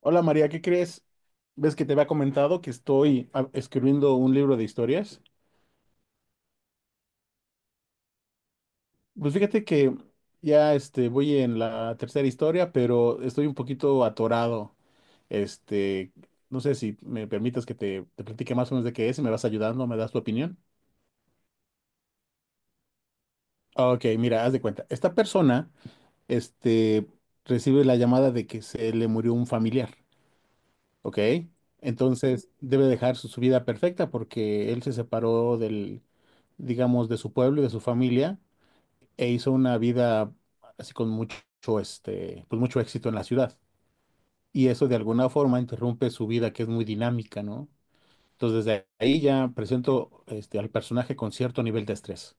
Hola María, ¿qué crees? Ves que te había comentado que estoy escribiendo un libro de historias. Pues fíjate que ya voy en la tercera historia, pero estoy un poquito atorado. Este, no sé si me permitas que te platique más o menos de qué es, si me vas ayudando, me das tu opinión. Ok, mira, haz de cuenta. Esta persona, este, recibe la llamada de que se le murió un familiar, ¿ok? Entonces debe dejar su vida perfecta porque él se separó del, digamos, de su pueblo y de su familia, e hizo una vida así con mucho, pues mucho éxito en la ciudad. Y eso de alguna forma interrumpe su vida, que es muy dinámica, ¿no? Entonces, desde ahí ya presento al personaje con cierto nivel de estrés,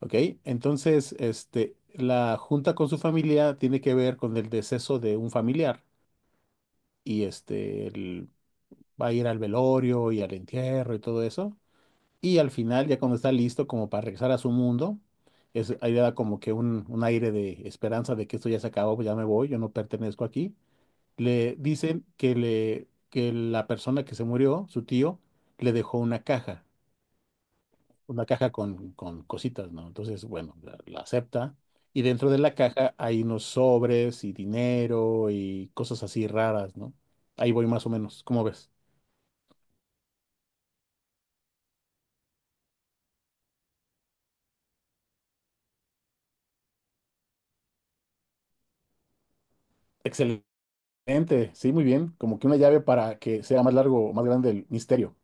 ¿ok? Entonces, la junta con su familia tiene que ver con el deceso de un familiar y va a ir al velorio y al entierro y todo eso. Y al final, ya cuando está listo como para regresar a su mundo, es, ahí le da como que un aire de esperanza de que esto ya se acabó, pues ya me voy, yo no pertenezco aquí. Le dicen que la persona que se murió, su tío, le dejó una caja con cositas, ¿no? Entonces, bueno, la acepta. Y dentro de la caja hay unos sobres y dinero y cosas así raras, ¿no? Ahí voy más o menos, ¿cómo ves? Excelente. Sí, muy bien. Como que una llave para que sea más largo o más grande el misterio.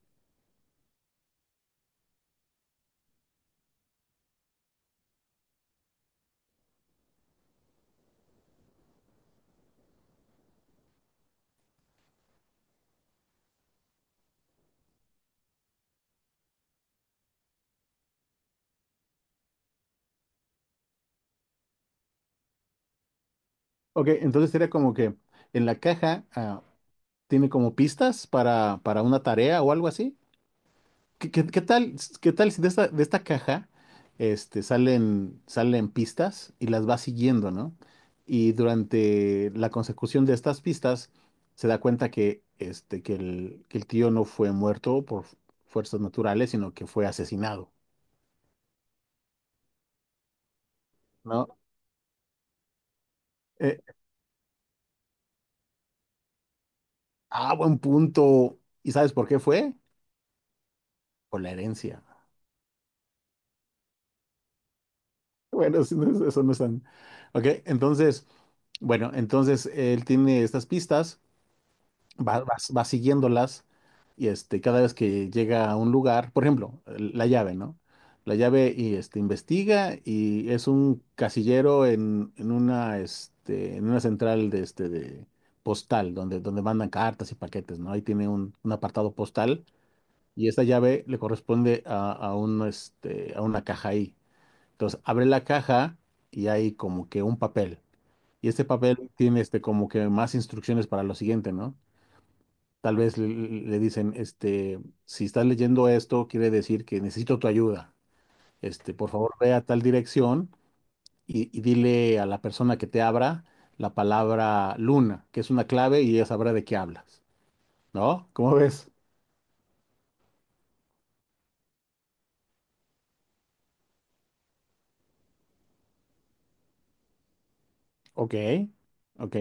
Ok, entonces sería como que en la caja tiene como pistas para una tarea o algo así. ¿Qué, qué- qué tal, qué tal si de esta caja salen pistas y las va siguiendo, ¿no? Y durante la consecución de estas pistas se da cuenta que el tío no fue muerto por fuerzas naturales, sino que fue asesinado, ¿no? Eh, ah, buen punto. ¿Y sabes por qué fue? Por la herencia. Bueno, eso no es tan... Ok, entonces, bueno, entonces él tiene estas pistas, va siguiéndolas y cada vez que llega a un lugar, por ejemplo, la llave, ¿no? La llave y investiga y es un casillero en una central de postal donde mandan cartas y paquetes, ¿no? Ahí tiene un apartado postal y esta llave le corresponde a una caja ahí. Entonces abre la caja y hay como que un papel. Y este papel tiene como que más instrucciones para lo siguiente, ¿no? Tal vez le dicen, si estás leyendo esto, quiere decir que necesito tu ayuda. Por favor, ve a tal dirección y dile a la persona que te abra la palabra luna, que es una clave y ella sabrá de qué hablas, ¿no? ¿Cómo ves? Ok, ok.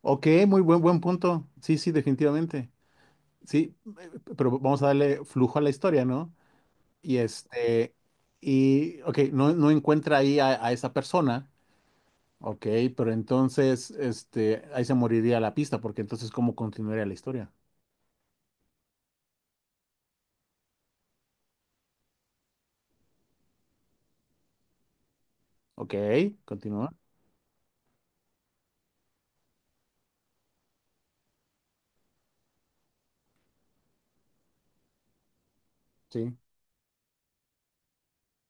Ok, muy buen punto. Sí, sí, definitivamente. Sí, pero vamos a darle flujo a la historia, ¿no? Y este, y ok, no encuentra ahí a esa persona, ok, pero entonces, ahí se moriría la pista, porque entonces, ¿cómo continuaría la historia? Ok, continúa. Sí.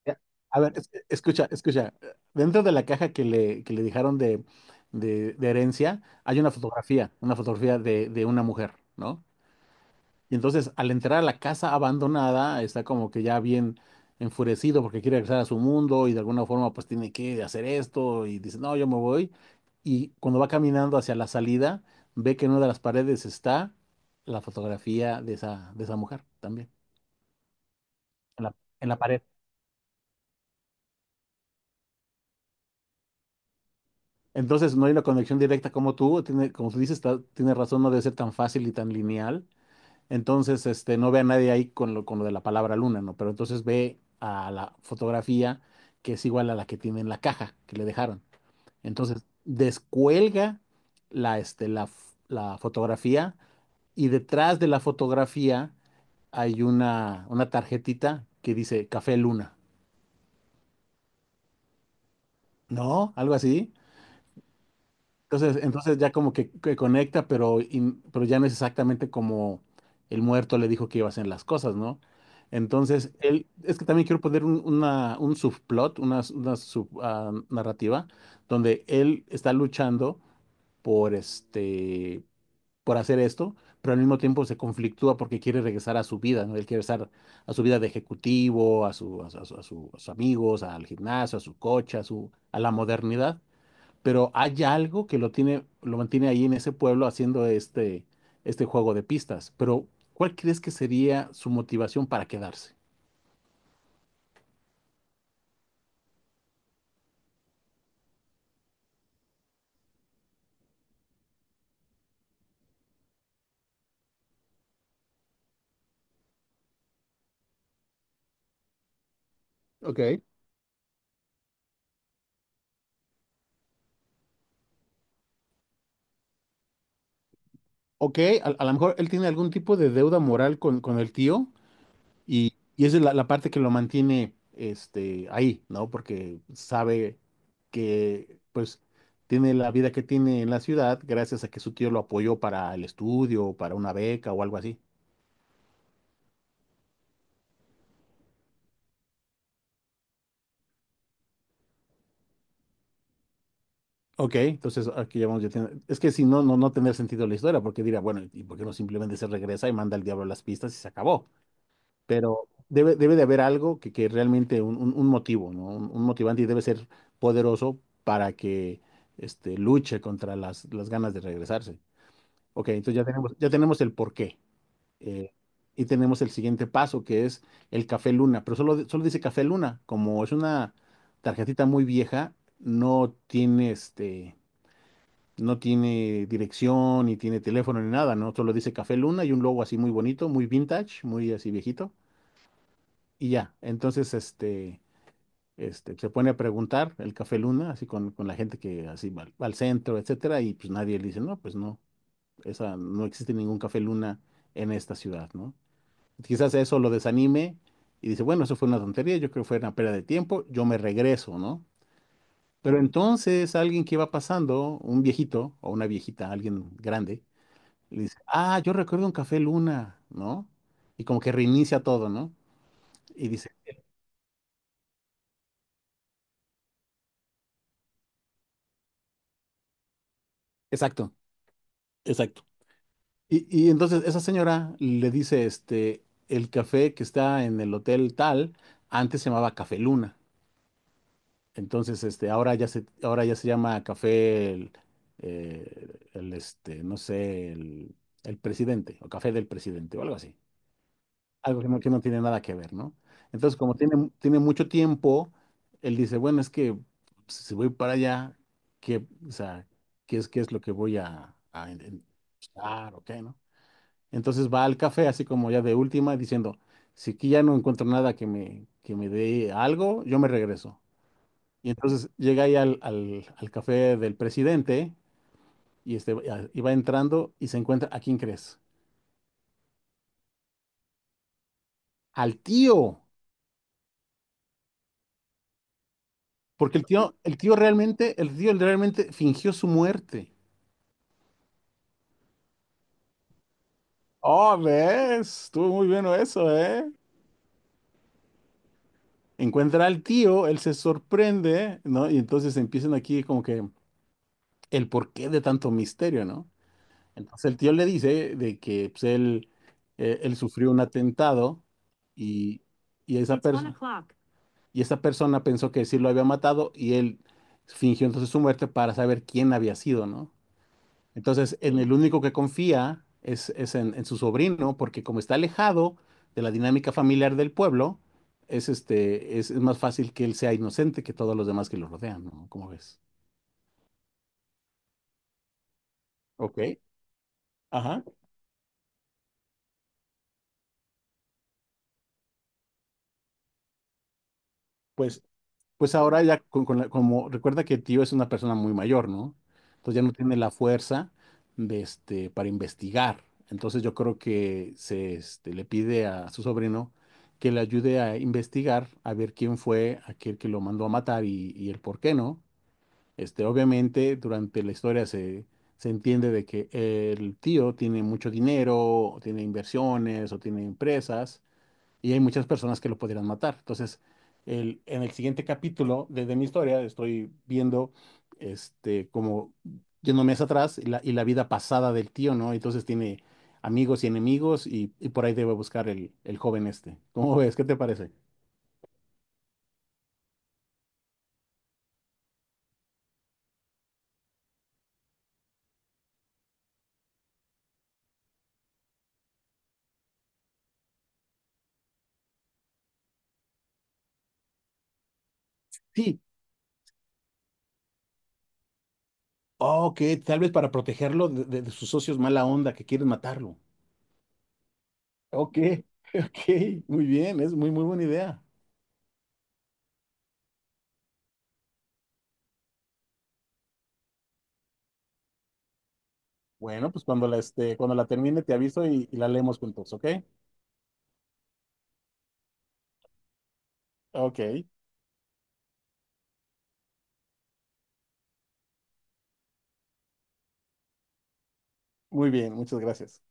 Ya. A ver, escucha, escucha. Dentro de la caja que le dejaron de herencia, hay una fotografía de una mujer, ¿no? Y entonces, al entrar a la casa abandonada, está como que ya bien enfurecido porque quiere regresar a su mundo y de alguna forma pues tiene que hacer esto y dice, no, yo me voy. Y cuando va caminando hacia la salida, ve que en una de las paredes está la fotografía de esa mujer también, en la, en la pared. Entonces, no hay una conexión directa como tú, tiene, como tú dices, tiene razón, no debe ser tan fácil y tan lineal. Entonces, no ve a nadie ahí con lo de la palabra luna, ¿no? Pero entonces ve a la fotografía que es igual a la que tiene en la caja que le dejaron. Entonces, descuelga la fotografía y detrás de la fotografía hay una tarjetita que dice Café Luna, ¿no? Algo así. Entonces, ya como que conecta, pero ya no es exactamente como el muerto le dijo que iba a hacer las cosas, ¿no? Entonces, él, es que también quiero poner un subplot, una narrativa, donde él está luchando por este, por hacer esto, pero al mismo tiempo se conflictúa porque quiere regresar a su vida, ¿no? Él quiere regresar a su vida de ejecutivo, a sus amigos, al gimnasio, a su coche, a la modernidad, pero hay algo que lo tiene, lo mantiene ahí en ese pueblo haciendo este juego de pistas. Pero, ¿cuál crees que sería su motivación para quedarse? Ok. Ok, a lo mejor él tiene algún tipo de deuda moral con el tío y esa es la parte que lo mantiene ahí, ¿no? Porque sabe que pues tiene la vida que tiene en la ciudad gracias a que su tío lo apoyó para el estudio, para una beca o algo así. Ok, entonces aquí ya vamos, es que si no, no, no tendría sentido la historia, porque diría, bueno, ¿y por qué no simplemente se regresa y manda al diablo las pistas y se acabó? Pero debe de haber algo que realmente, un motivo, ¿no? Un motivante y debe ser poderoso para que luche contra las ganas de regresarse. Ok, entonces ya tenemos el porqué. eh, y tenemos el siguiente paso, que es el Café Luna, pero solo dice Café Luna, como es una tarjetita muy vieja, no tiene dirección, ni tiene teléfono, ni nada, ¿no? Solo dice Café Luna y un logo así muy bonito, muy vintage, muy así viejito. Y ya, entonces se pone a preguntar el Café Luna, así con la gente que así va al centro, etcétera, y pues nadie le dice, no, pues no, esa, no existe ningún Café Luna en esta ciudad, ¿no? Quizás eso lo desanime y dice, bueno, eso fue una tontería, yo creo que fue una pérdida de tiempo, yo me regreso, ¿no? Pero entonces alguien que va pasando, un viejito o una viejita, alguien grande, y le dice, ah, yo recuerdo un Café Luna, ¿no? Y como que reinicia todo, ¿no? Y dice, exacto, exacto. Y entonces esa señora le dice, el café que está en el hotel tal, antes se llamaba Café Luna. Entonces, ahora ya se llama Café no sé, el presidente, o Café del presidente, o algo así. Algo que no tiene nada que ver, ¿no? Entonces, como tiene mucho tiempo, él dice, bueno, es que pues, si voy para allá, o sea, qué es lo que voy a buscar o qué, ¿no? Entonces va al café, así como ya de última, diciendo, si aquí ya no encuentro nada que me dé algo, yo me regreso. Y entonces llega ahí al café del presidente y, este, y va entrando y se encuentra, ¿a quién crees? Al tío. Porque el tío realmente fingió su muerte. Oh, ves, estuvo muy bueno eso, ¿eh? Encuentra al tío, él se sorprende, ¿no? Y entonces empiezan aquí como que el porqué de tanto misterio, ¿no? Entonces el tío le dice de que pues, él sufrió un atentado y, y esa persona pensó que sí lo había matado y él fingió entonces su muerte para saber quién había sido, ¿no? Entonces, en el único que confía es en su sobrino, porque como está alejado de la dinámica familiar del pueblo, es más fácil que él sea inocente que todos los demás que lo rodean, ¿no? ¿Cómo ves? Ok, ajá. Pues Pues ahora ya, como recuerda que tío es una persona muy mayor, ¿no? Entonces ya no tiene la fuerza para investigar. Entonces yo creo que le pide a su sobrino que le ayude a investigar, a ver quién fue aquel que lo mandó a matar y el por qué, ¿no? Obviamente durante la historia se entiende de que el tío tiene mucho dinero, o tiene inversiones o tiene empresas y hay muchas personas que lo pudieran matar. Entonces, en el siguiente capítulo de mi historia estoy viendo como yéndome hacia atrás y la vida pasada del tío, ¿no? Entonces tiene amigos y enemigos y por ahí debe buscar el joven este. ¿Cómo ves? ¿Qué te parece? Sí. Ok, tal vez para protegerlo de sus socios mala onda que quieren matarlo. Ok, ok, muy bien, es muy, muy buena idea. Bueno, pues cuando cuando la termine te aviso y la leemos juntos, ¿ok? Ok. Muy bien, muchas gracias.